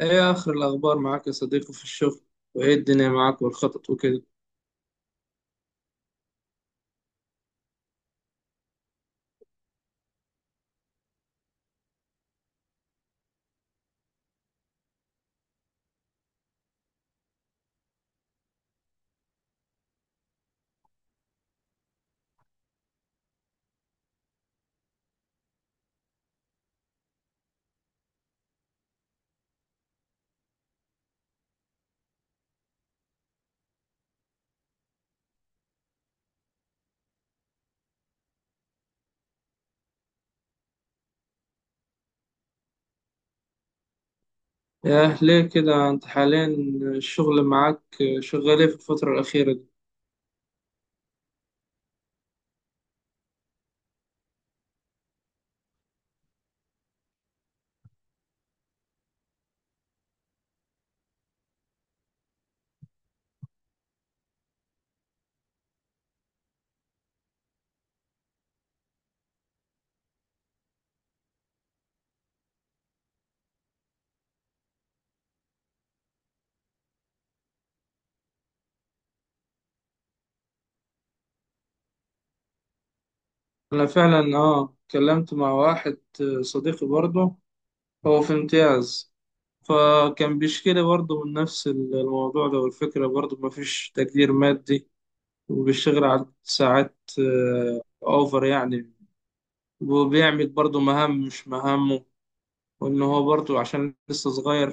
ايه اخر الاخبار معاك يا صديقي في الشغل؟ وايه الدنيا معاك والخطط وكده؟ ياه ليه كده، انت حاليا الشغل معاك شغال ايه في الفترة الأخيرة دي؟ انا فعلا اتكلمت مع واحد صديقي برضه، هو في امتياز، فكان بيشكي لي برضه من نفس الموضوع ده، والفكرة برضه مفيش تقدير مادي، وبيشتغل على ساعات اوفر يعني. وبيعمل برضه مهام مش مهامه، وان هو برضه عشان لسه صغير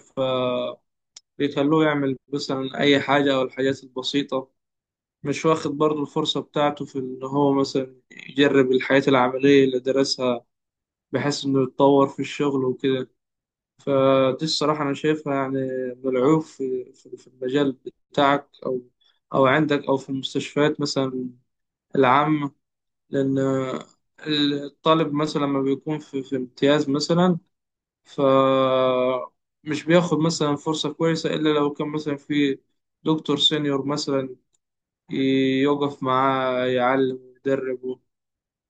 بيخلوه يعمل مثلا أي حاجة أو الحاجات البسيطة، مش واخد برضه الفرصة بتاعته في إن هو مثلا يجرب الحياة العملية اللي درسها بحيث إنه يتطور في الشغل وكده. فدي الصراحة أنا شايفها يعني من العيوب في المجال بتاعك، أو عندك، أو في المستشفيات مثلا العامة، لأن الطالب مثلا لما بيكون في امتياز مثلا، ف مش بياخد مثلا فرصة كويسة إلا لو كان مثلا في دكتور سينيور مثلا يقف معاه يعلم ويدربه.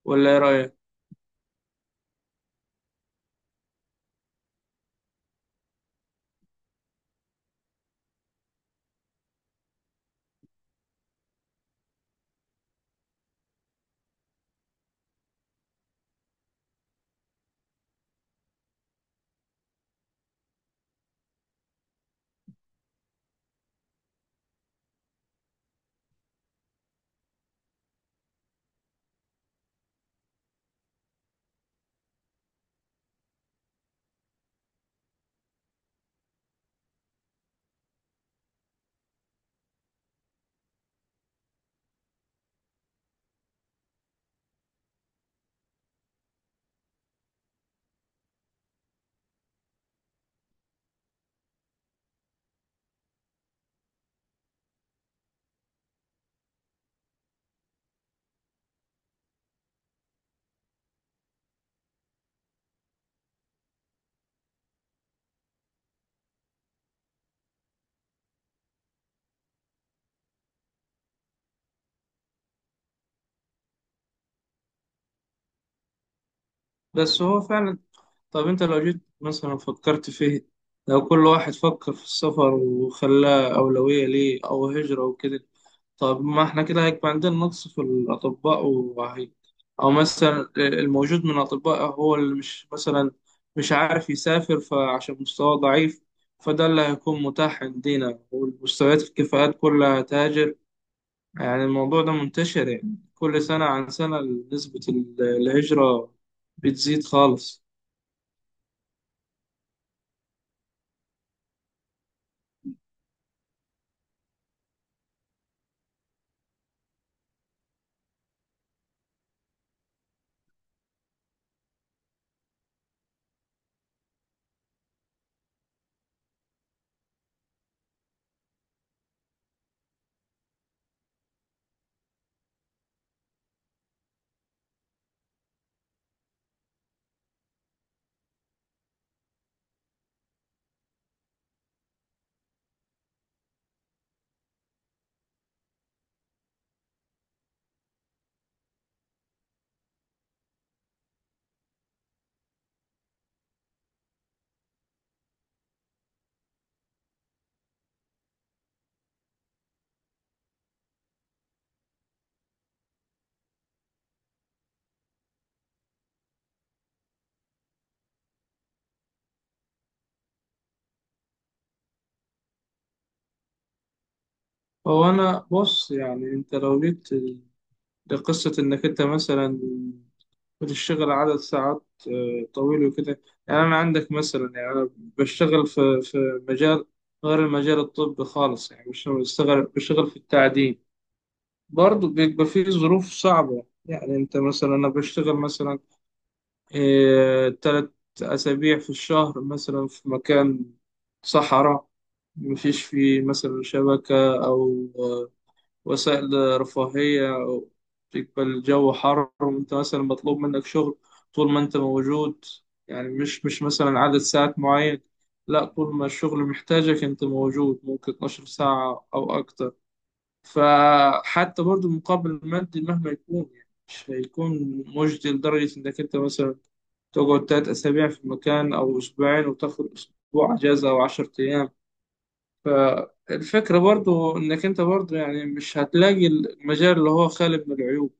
ولا إيه رأيك؟ بس هو فعلا، طب أنت لو جيت مثلا فكرت فيه، لو كل واحد فكر في السفر وخلاه أولوية ليه أو هجرة وكده، طب ما احنا كده هيبقى عندنا نقص في الأطباء وهي، أو مثلا الموجود من الأطباء هو اللي مش مثلا مش عارف يسافر فعشان مستواه ضعيف، فده اللي هيكون متاح عندنا والمستويات الكفاءات كلها تهاجر. يعني الموضوع ده منتشر، يعني كل سنة عن سنة نسبة الهجرة بتزيد خالص. هو أنا بص، يعني أنت لو جيت لقصة إنك أنت مثلا بتشتغل عدد ساعات طويل وكده، يعني أنا عندك مثلا، يعني أنا بشتغل في مجال غير المجال الطبي خالص، يعني مش بشتغل في التعدين، برضه بيبقى فيه ظروف صعبة. يعني أنت مثلا، أنا بشتغل مثلا 3 أسابيع في الشهر مثلا في مكان صحراء، مفيش فيه مثلا شبكة أو وسائل رفاهية، تبقى الجو حر وأنت مثلا مطلوب منك شغل طول ما أنت موجود. يعني مش مثلا عدد ساعات معين، لا طول ما الشغل محتاجك أنت موجود، ممكن 12 ساعة أو أكتر. فحتى برضو المقابل المادي مهما يكون يعني مش هيكون مجدي لدرجة إنك أنت مثلا تقعد 3 أسابيع في مكان أو أسبوعين وتاخد أسبوع أجازة أو 10 أيام. فالفكرة برضو إنك أنت برضو يعني مش هتلاقي المجال اللي هو خالي من العيوب.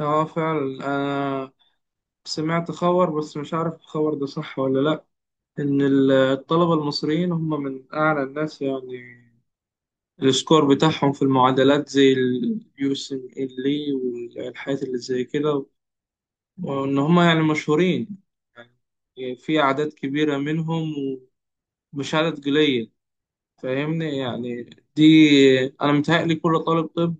اه فعلا، أنا سمعت خبر بس مش عارف الخبر ده صح ولا لأ، إن الطلبة المصريين هم من أعلى الناس يعني، السكور بتاعهم في المعادلات زي اليو اس ام ال والحاجات اللي زي كده، وإن هم يعني مشهورين، يعني في أعداد كبيرة منهم ومش عدد قليل، فاهمني يعني. دي انا متهيألي كل طالب طب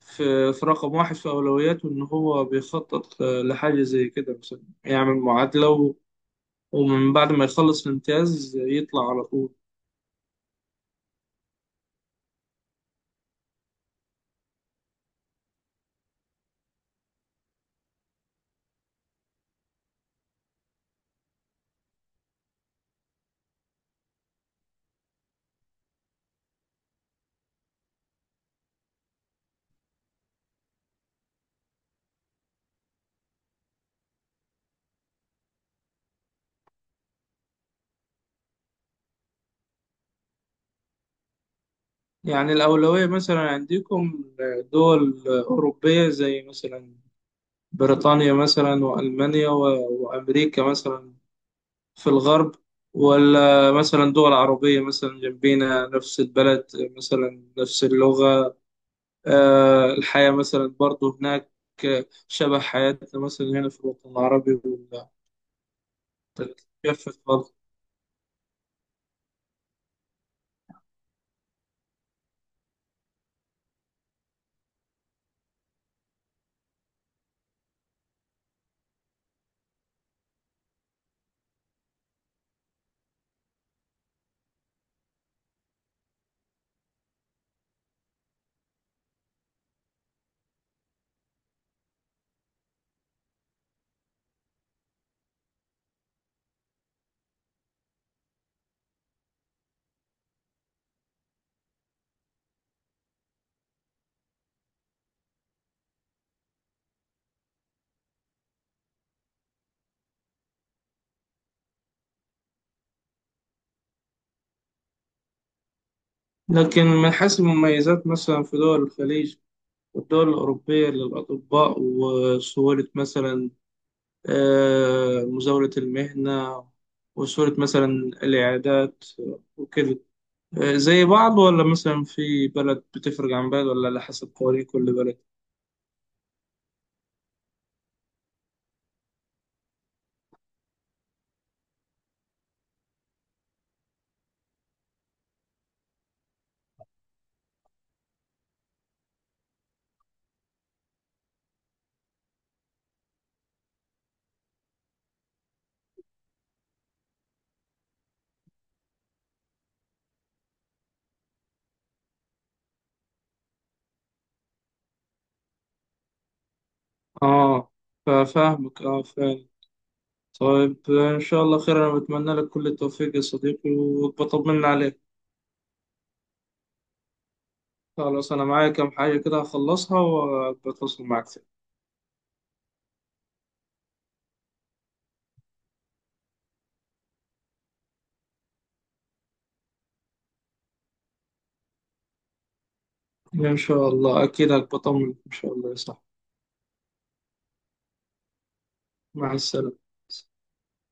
في رقم واحد في اولوياته ان هو بيخطط لحاجه زي كده، مثلا يعمل معادله ومن بعد ما يخلص الامتياز يطلع على طول. يعني الاولويه مثلا عندكم دول اوروبيه زي مثلا بريطانيا مثلا والمانيا وامريكا مثلا في الغرب، ولا مثلا دول عربيه مثلا جنبينا نفس البلد، مثلا نفس اللغه، الحياة مثلا برضو هناك شبه حياتنا مثلا هنا في الوطن العربي، وتتجفف برضه. لكن من حيث المميزات مثلا في دول الخليج والدول الأوروبية للأطباء، وسهولة مثلا مزاولة المهنة، وسهولة مثلا العيادات وكده، زي بعض ولا مثلا في بلد بتفرق عن بلد ولا على حسب قوانين كل بلد؟ اه فاهمك، اه فاهم. طيب إن شاء الله خير، أنا بتمنى لك كل التوفيق يا صديقي وبطمن عليك. خلاص أنا معايا كام حاجة كده هخلصها وبتواصل معك تاني إن شاء الله. أكيد هبطمن إن شاء الله يا صاحبي. مع السلامة.